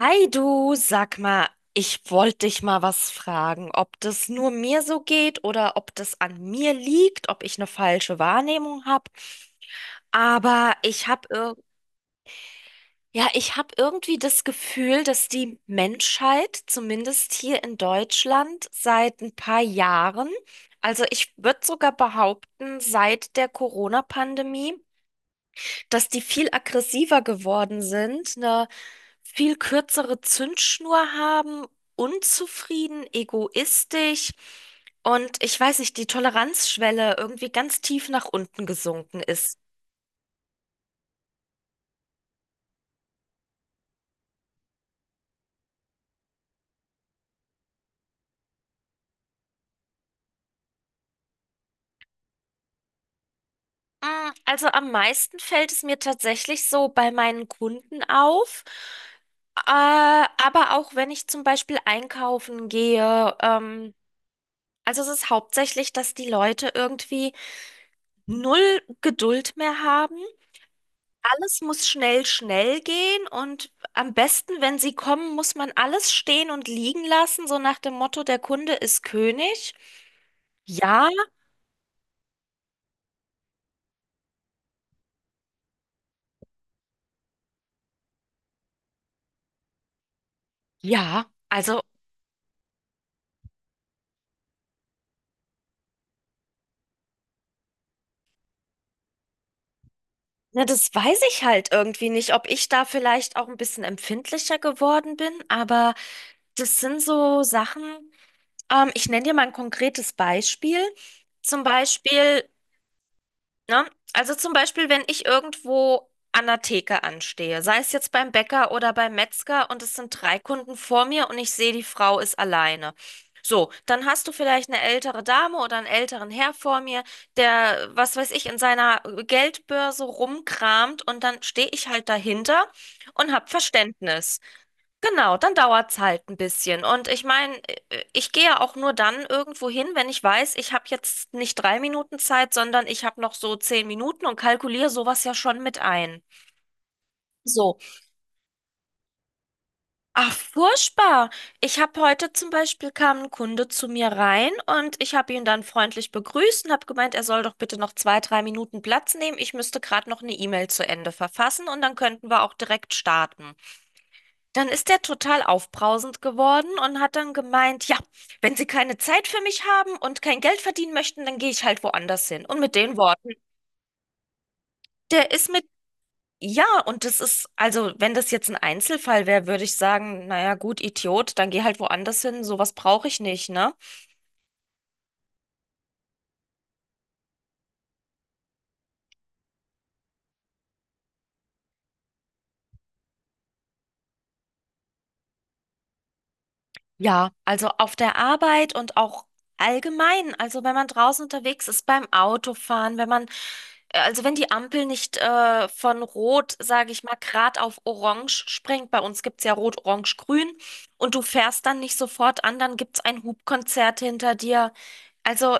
Hi du, sag mal, ich wollte dich mal was fragen, ob das nur mir so geht oder ob das an mir liegt, ob ich eine falsche Wahrnehmung habe. Aber ich habe irgendwie das Gefühl, dass die Menschheit, zumindest hier in Deutschland, seit ein paar Jahren, also ich würde sogar behaupten, seit der Corona-Pandemie, dass die viel aggressiver geworden sind, eine viel kürzere Zündschnur haben, unzufrieden, egoistisch und ich weiß nicht, die Toleranzschwelle irgendwie ganz tief nach unten gesunken ist. Also am meisten fällt es mir tatsächlich so bei meinen Kunden auf. Aber auch wenn ich zum Beispiel einkaufen gehe, also es ist hauptsächlich, dass die Leute irgendwie null Geduld mehr haben. Alles muss schnell, schnell gehen und am besten, wenn sie kommen, muss man alles stehen und liegen lassen, so nach dem Motto, der Kunde ist König. Ja, ja, also, ne, das weiß ich halt irgendwie nicht, ob ich da vielleicht auch ein bisschen empfindlicher geworden bin, aber das sind so Sachen, ich nenne dir mal ein konkretes Beispiel. Zum Beispiel Ne? Also zum Beispiel, wenn ich irgendwo an der Theke anstehe, sei es jetzt beim Bäcker oder beim Metzger und es sind drei Kunden vor mir und ich sehe, die Frau ist alleine. So, dann hast du vielleicht eine ältere Dame oder einen älteren Herr vor mir, der, was weiß ich, in seiner Geldbörse rumkramt und dann stehe ich halt dahinter und habe Verständnis. Genau, dann dauert's halt ein bisschen. Und ich meine, ich gehe ja auch nur dann irgendwo hin, wenn ich weiß, ich habe jetzt nicht drei Minuten Zeit, sondern ich habe noch so zehn Minuten und kalkuliere sowas ja schon mit ein. So. Ach, furchtbar. Ich habe heute zum Beispiel, kam ein Kunde zu mir rein und ich habe ihn dann freundlich begrüßt und habe gemeint, er soll doch bitte noch zwei, drei Minuten Platz nehmen. Ich müsste gerade noch eine E-Mail zu Ende verfassen und dann könnten wir auch direkt starten. Dann ist der total aufbrausend geworden und hat dann gemeint, ja, wenn Sie keine Zeit für mich haben und kein Geld verdienen möchten, dann gehe ich halt woanders hin. Und mit den Worten, der ist mit, Ja, und das ist, also wenn das jetzt ein Einzelfall wäre, würde ich sagen, naja, gut, Idiot, dann geh halt woanders hin, sowas brauche ich nicht, ne? Ja, also auf der Arbeit und auch allgemein, also wenn man draußen unterwegs ist, beim Autofahren, wenn man, also wenn die Ampel nicht von Rot, sage ich mal, grad auf Orange springt, bei uns gibt's ja Rot, Orange, Grün, und du fährst dann nicht sofort an, dann gibt's ein Hupkonzert hinter dir. Also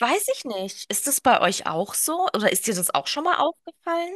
weiß ich nicht, ist das bei euch auch so oder ist dir das auch schon mal aufgefallen?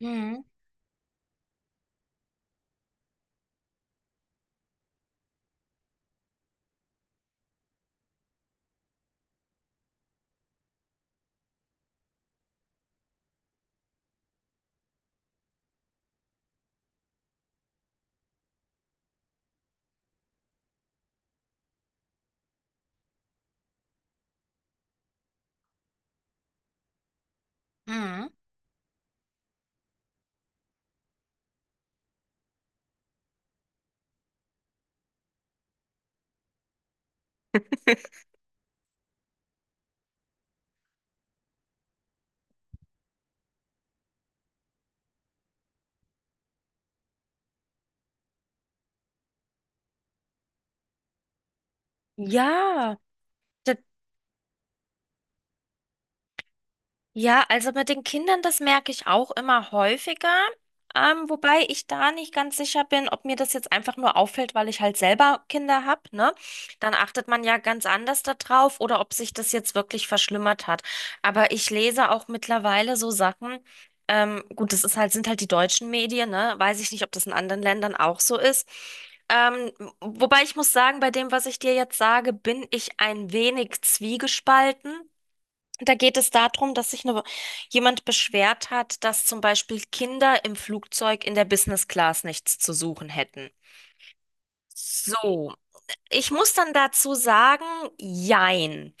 Mhm. Mhm. Ja, ja, also mit den Kindern, das merke ich auch immer häufiger. Wobei ich da nicht ganz sicher bin, ob mir das jetzt einfach nur auffällt, weil ich halt selber Kinder habe, ne? Dann achtet man ja ganz anders da drauf oder ob sich das jetzt wirklich verschlimmert hat. Aber ich lese auch mittlerweile so Sachen. Gut, das ist halt, sind halt die deutschen Medien, ne? Weiß ich nicht, ob das in anderen Ländern auch so ist. Ähm, Wobei ich muss sagen, bei dem, was ich dir jetzt sage, bin ich ein wenig zwiegespalten. Da geht es darum, dass sich eine, jemand beschwert hat, dass zum Beispiel Kinder im Flugzeug in der Business Class nichts zu suchen hätten. So, ich muss dann dazu sagen, jein.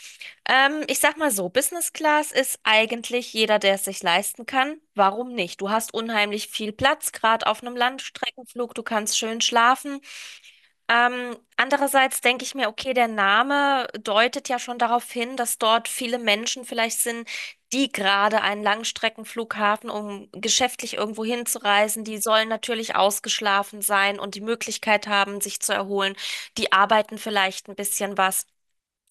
Ich sag mal so, Business Class ist eigentlich jeder, der es sich leisten kann. Warum nicht? Du hast unheimlich viel Platz, gerade auf einem Langstreckenflug, du kannst schön schlafen. Andererseits denke ich mir, okay, der Name deutet ja schon darauf hin, dass dort viele Menschen vielleicht sind, die gerade einen Langstreckenflughafen, um geschäftlich irgendwo hinzureisen, die sollen natürlich ausgeschlafen sein und die Möglichkeit haben, sich zu erholen. Die arbeiten vielleicht ein bisschen was.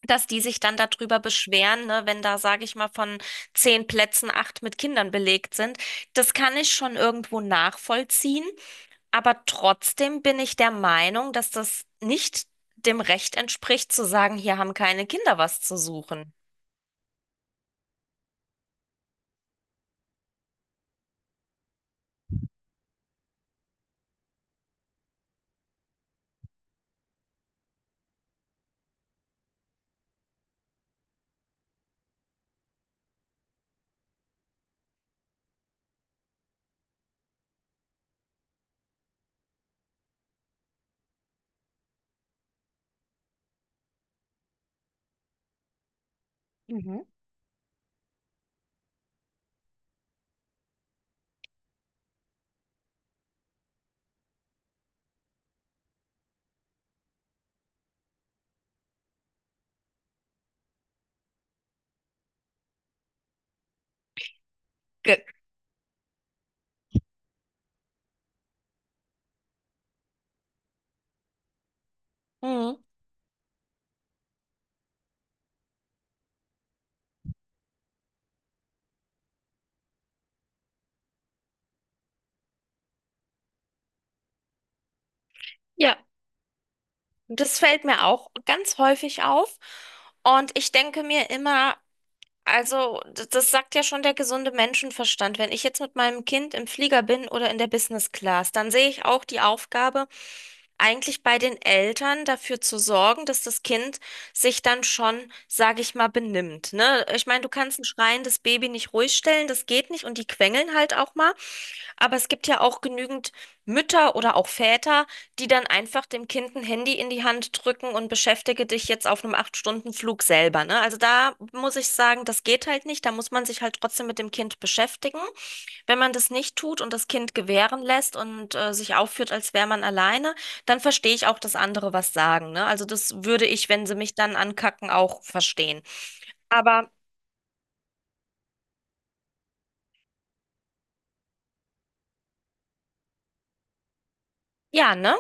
Dass die sich dann darüber beschweren, ne, wenn da, sage ich mal, von zehn Plätzen acht mit Kindern belegt sind, das kann ich schon irgendwo nachvollziehen. Aber trotzdem bin ich der Meinung, dass das nicht dem Recht entspricht, zu sagen, hier haben keine Kinder was zu suchen. Mhm. Ge Mhm. Ja, das fällt mir auch ganz häufig auf. Und ich denke mir immer, das sagt ja schon der gesunde Menschenverstand. Wenn ich jetzt mit meinem Kind im Flieger bin oder in der Business Class, dann sehe ich auch die Aufgabe, eigentlich bei den Eltern dafür zu sorgen, dass das Kind sich dann schon, sage ich mal, benimmt. Ne? Ich meine, du kannst ein schreiendes Baby nicht ruhig stellen, das geht nicht und die quengeln halt auch mal. Aber es gibt ja auch genügend Mütter oder auch Väter, die dann einfach dem Kind ein Handy in die Hand drücken und beschäftige dich jetzt auf einem Acht-Stunden-Flug selber, ne? Also da muss ich sagen, das geht halt nicht. Da muss man sich halt trotzdem mit dem Kind beschäftigen. Wenn man das nicht tut und das Kind gewähren lässt und sich aufführt, als wäre man alleine, dann verstehe ich auch, dass andere was sagen, ne? Also das würde ich, wenn sie mich dann ankacken, auch verstehen. Aber ja, ne?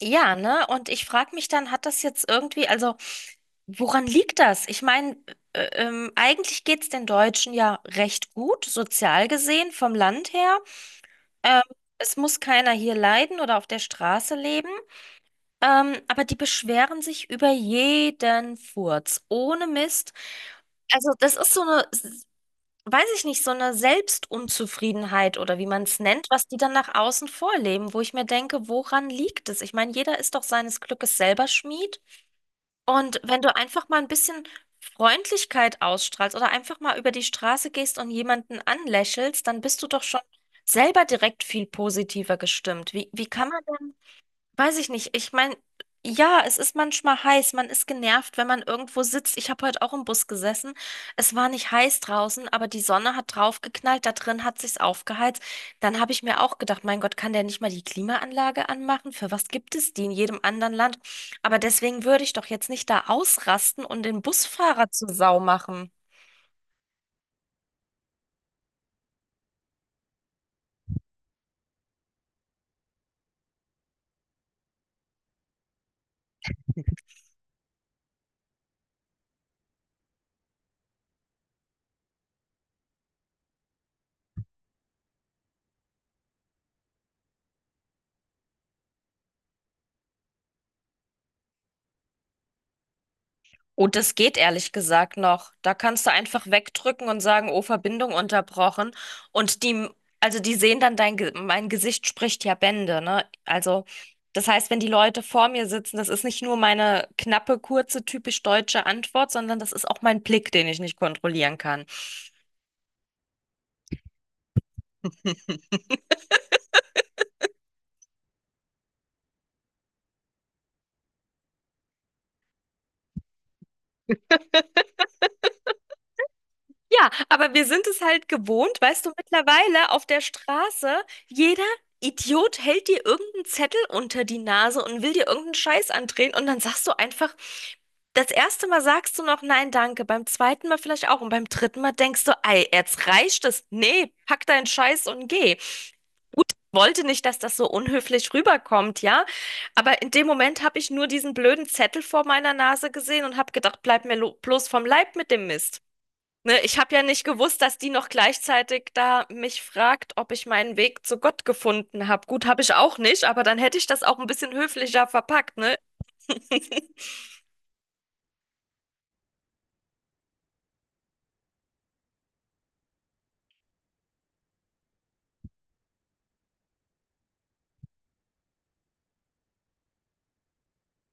Ja, ne? Und ich frage mich dann, hat das jetzt irgendwie, also woran liegt das? Ich meine, eigentlich geht es den Deutschen ja recht gut, sozial gesehen, vom Land her. Ähm, Es muss keiner hier leiden oder auf der Straße leben. Aber die beschweren sich über jeden Furz, ohne Mist. Also das ist so eine, weiß ich nicht, so eine Selbstunzufriedenheit oder wie man es nennt, was die dann nach außen vorleben, wo ich mir denke, woran liegt es? Ich meine, jeder ist doch seines Glückes selber Schmied. Und wenn du einfach mal ein bisschen Freundlichkeit ausstrahlst oder einfach mal über die Straße gehst und jemanden anlächelst, dann bist du doch schon selber direkt viel positiver gestimmt. Wie kann man denn? Weiß ich nicht. Ich meine, ja, es ist manchmal heiß. Man ist genervt, wenn man irgendwo sitzt. Ich habe heute auch im Bus gesessen. Es war nicht heiß draußen, aber die Sonne hat draufgeknallt. Da drin hat sich's aufgeheizt. Dann habe ich mir auch gedacht, mein Gott, kann der nicht mal die Klimaanlage anmachen? Für was gibt es die in jedem anderen Land? Aber deswegen würde ich doch jetzt nicht da ausrasten und den Busfahrer zur Sau machen. Oh, das geht ehrlich gesagt noch. Da kannst du einfach wegdrücken und sagen, oh, Verbindung unterbrochen. Und die, also die sehen dann dein, mein Gesicht spricht ja Bände, ne? Also, das heißt, wenn die Leute vor mir sitzen, das ist nicht nur meine knappe, kurze, typisch deutsche Antwort, sondern das ist auch mein Blick, den ich nicht kontrollieren kann. Ja, aber wir sind es halt gewohnt, weißt du, mittlerweile auf der Straße, jeder Idiot hält dir irgendeinen Zettel unter die Nase und will dir irgendeinen Scheiß andrehen und dann sagst du einfach, das erste Mal sagst du noch nein, danke, beim zweiten Mal vielleicht auch und beim dritten Mal denkst du, ei, jetzt reicht es. Nee, pack deinen Scheiß und geh. Gut, ich wollte nicht, dass das so unhöflich rüberkommt, ja, aber in dem Moment habe ich nur diesen blöden Zettel vor meiner Nase gesehen und habe gedacht, bleib mir bloß vom Leib mit dem Mist. Ne, ich habe ja nicht gewusst, dass die noch gleichzeitig da mich fragt, ob ich meinen Weg zu Gott gefunden habe. Gut, habe ich auch nicht, aber dann hätte ich das auch ein bisschen höflicher verpackt, ne?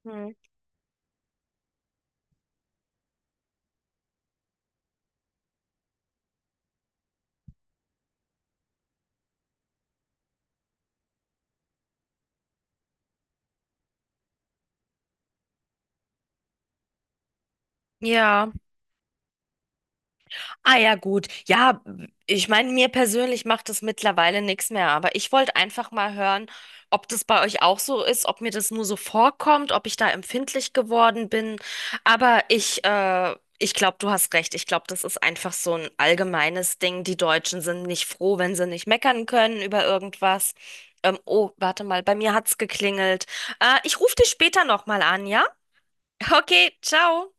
Hm. Ja. Ah ja, gut. Ja, ich meine, mir persönlich macht das mittlerweile nichts mehr, aber ich wollte einfach mal hören, ob das bei euch auch so ist, ob mir das nur so vorkommt, ob ich da empfindlich geworden bin. Aber ich, ich glaube, du hast recht. Ich glaube, das ist einfach so ein allgemeines Ding. Die Deutschen sind nicht froh, wenn sie nicht meckern können über irgendwas. Oh, warte mal, bei mir hat's geklingelt. Ich rufe dich später nochmal an, ja? Okay, ciao.